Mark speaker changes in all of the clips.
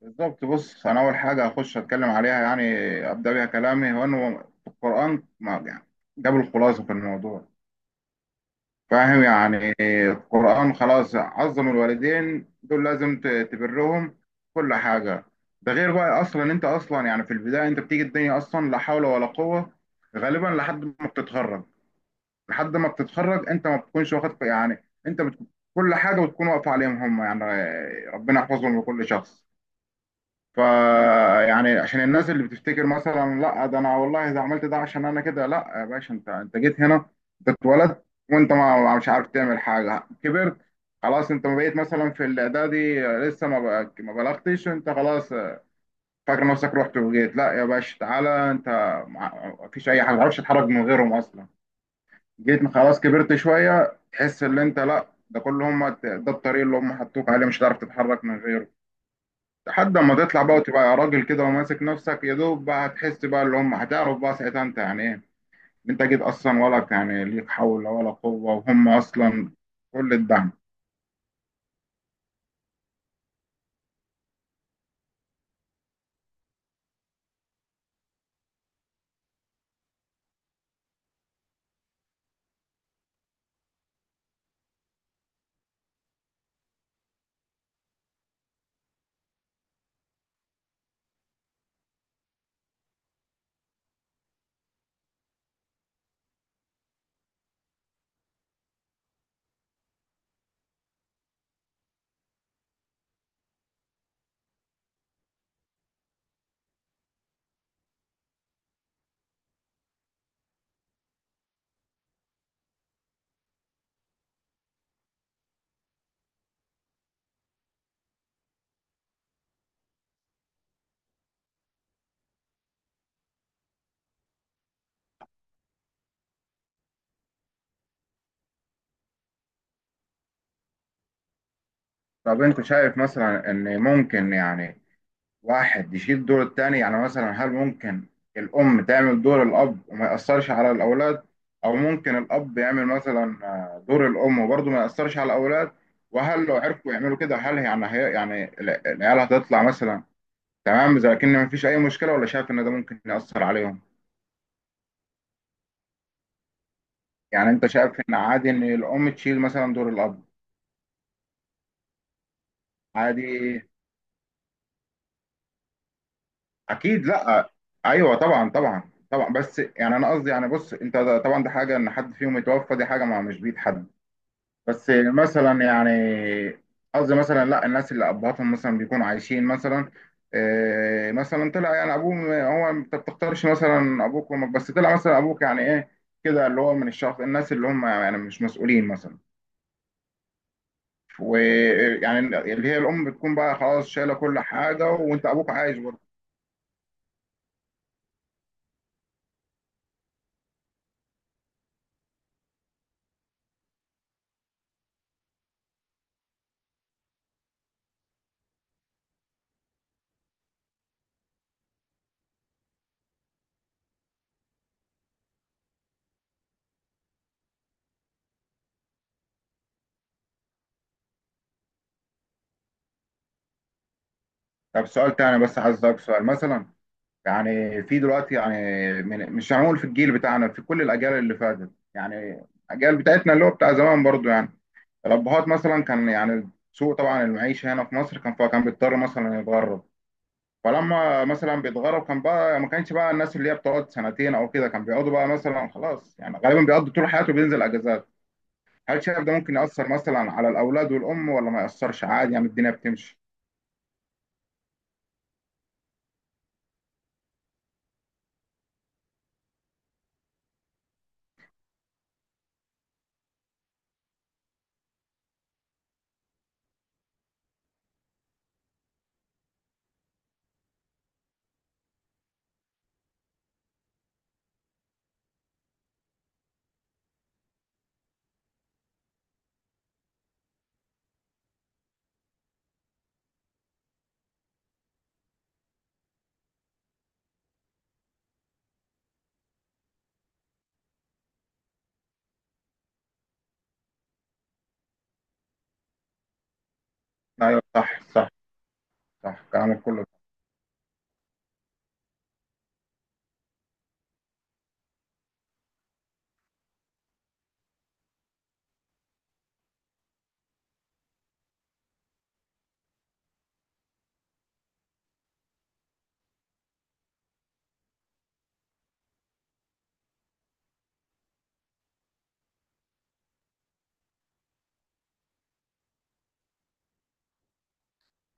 Speaker 1: بالظبط. بص، انا اول حاجه هخش اتكلم عليها يعني ابدا بيها كلامي، هو انه القران يعني جاب الخلاصه في الموضوع. فاهم يعني؟ القران خلاص عظم الوالدين دول، لازم تبرهم كل حاجه. ده غير بقى اصلا انت اصلا يعني في البدايه انت بتيجي الدنيا اصلا لا حول ولا قوه، غالبا لحد ما بتتخرج انت ما بتكونش واخد يعني كل حاجه بتكون واقفه عليهم هم يعني. ربنا يحفظهم لكل شخص. فيعني عشان الناس اللي بتفتكر مثلا لا ده انا والله ده عملت ده عشان انا كده، لا يا باشا، انت جيت هنا، انت اتولدت وانت مش عارف تعمل حاجه. كبرت خلاص، انت ما بقيت مثلا في الاعدادي، لسه ما بلغتش، انت خلاص. فاكر نفسك رحت وجيت؟ لا يا باشا، تعالى انت، ما فيش اي حاجه ما تعرفش تتحرك من غيرهم اصلا. جيت خلاص، كبرت شويه، تحس ان انت، لا ده كل هم ده الطريق اللي هم حطوك عليه، مش هتعرف تتحرك من غيره. لحد ما تطلع بقى وتبقى راجل كده وماسك نفسك يا دوب بقى هتحس بقى اللي هم، هتعرف بقى ساعتها انت يعني ايه. انت جيت اصلا ولا يعني ليك حول ولا قوة، وهم اصلا كل الدعم. طب، انت شايف مثلا ان ممكن يعني واحد يشيل دور التاني؟ يعني مثلا هل ممكن الام تعمل دور الاب وما يأثرش على الاولاد؟ او ممكن الاب يعمل مثلا دور الام وبرضه ما يأثرش على الاولاد؟ وهل لو عرفوا يعملوا كده هل يعني هي يعني العيال هتطلع مثلا تمام؟ إذا لكن ما فيش أي مشكلة ولا شايف إن ده ممكن يأثر عليهم؟ يعني أنت شايف إن عادي إن الأم تشيل مثلا دور الأب؟ عادي، أكيد، لأ. أيوه طبعا طبعا طبعا، بس يعني أنا قصدي يعني بص أنت طبعا ده حاجة إن حد فيهم يتوفى، دي حاجة ما مش بإيد حد. بس مثلا يعني قصدي مثلا لأ الناس اللي أبهاتهم مثلا بيكونوا عايشين، مثلا إيه مثلا طلع يعني أبوه، هو أنت بتختارش مثلا أبوك وأمك؟ بس طلع مثلا أبوك يعني إيه كده، اللي هو من الشخص الناس اللي هم يعني مش مسؤولين مثلا. ويعني اللي هي الام بتكون بقى خلاص شايله كل حاجه وانت ابوك عايش برضه. طب سؤال تاني بس، عايز اسالك سؤال، مثلا يعني في دلوقتي يعني من مش هنقول في الجيل بتاعنا، في كل الاجيال اللي فاتت يعني الاجيال بتاعتنا اللي هو بتاع زمان برضه، يعني الابهات مثلا كان يعني سوء طبعا المعيشه هنا في مصر كان، فكان بيضطر مثلا يتغرب. فلما مثلا بيتغرب كان بقى ما كانش بقى الناس اللي هي بتقعد سنتين او كده، كان بيقعدوا بقى مثلا خلاص يعني غالبا بيقضوا طول حياته بينزل اجازات. هل شايف ده ممكن يأثر مثلا على الأولاد والأم ولا ما يأثرش عادي يعني الدنيا بتمشي؟ أيوه، صح صح. صح كلامك كله.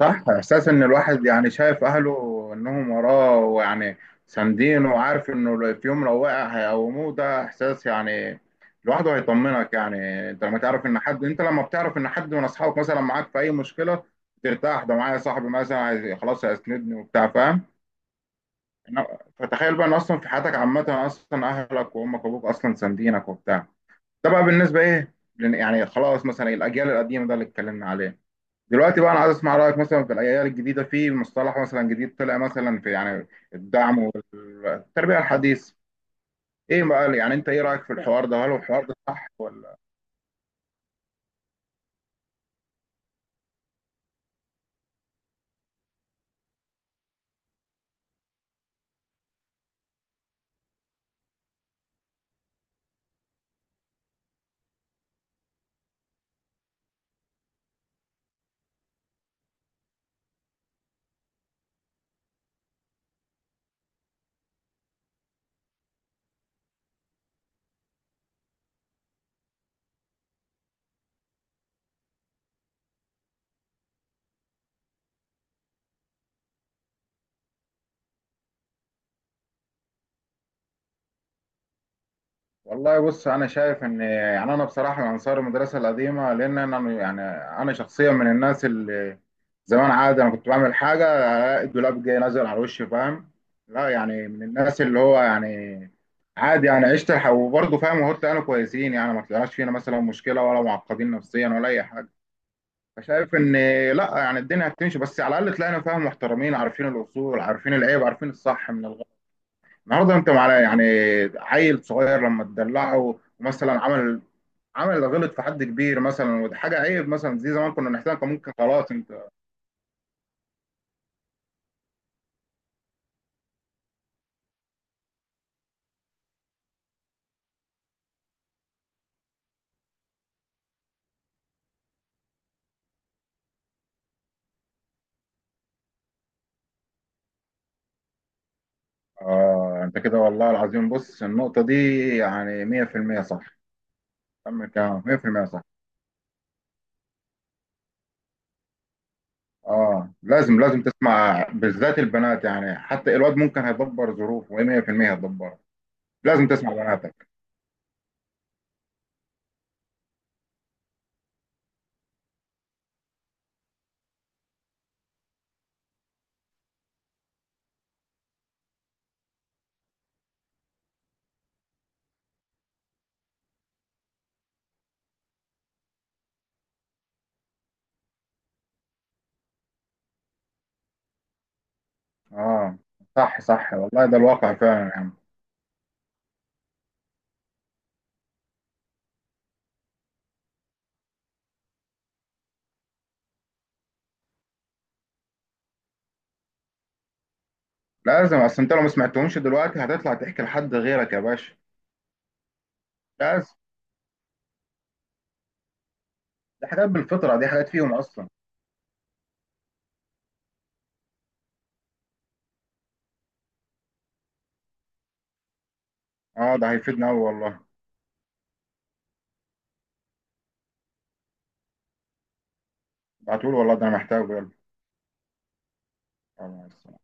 Speaker 1: صح، إحساس إن الواحد يعني شايف أهله إنهم وراه ويعني ساندينه وعارف إنه في يوم لو وقع هيقوموه، ده إحساس يعني لوحده هيطمنك يعني. أنت لما بتعرف إن حد من أصحابك مثلا معاك في أي مشكلة ترتاح. ده معايا صاحبي مثلا خلاص هيسندني وبتاع، فاهم؟ فتخيل بقى إن أصلا في حياتك عامة أصلا أهلك وأمك وأبوك أصلا ساندينك وبتاع. ده بقى بالنسبه ايه يعني خلاص، مثلا الاجيال القديمه ده اللي اتكلمنا عليه. دلوقتي بقى انا عايز اسمع رايك مثلا في الاجيال الجديده، في مصطلح مثلا جديد طلع مثلا في يعني الدعم والتربيه الحديث. ايه بقى يعني انت ايه رايك في الحوار ده؟ هل هو الحوار ده صح ولا؟ والله بص، انا شايف ان يعني انا بصراحه من انصار المدرسه القديمه، لان انا يعني انا شخصيا من الناس اللي زمان عادي انا كنت بعمل حاجه الاقي الدولاب جاي نازل على وشي، فاهم؟ لا يعني من الناس اللي هو يعني عادي يعني عشت وبرضه فاهم، وهو طلعنا كويسين يعني ما طلعناش فينا مثلا مشكله ولا معقدين نفسيا ولا اي حاجه. فشايف ان لا يعني الدنيا هتمشي بس على الاقل طلعنا فاهم محترمين، عارفين الاصول، عارفين العيب، عارفين الصح من الغلط. النهارده انت مع يعني عيل صغير لما تدلعه ومثلا عمل غلط في حد كبير مثلا، ودي حاجه عيب مثلا زي زمان كنا نحتاج ممكن خلاص انت. آه، أنت كده والله العظيم. بص النقطة دي يعني 100% صح. تم الكلام، 100% صح. آه لازم تسمع، بالذات البنات يعني، حتى الواد ممكن هيدبر ظروفه 100%، هيدبرها. لازم تسمع بناتك. آه، صح صح، والله ده الواقع فعلا يعني. لازم، أصل أنت لو ما سمعتهمش دلوقتي هتطلع تحكي لحد غيرك يا باشا. لازم. دي حاجات بالفطرة، دي حاجات فيهم أصلا. آه ده هيفيدنا أوي والله. ده هتقول، والله ده أنا محتاجه. يلا.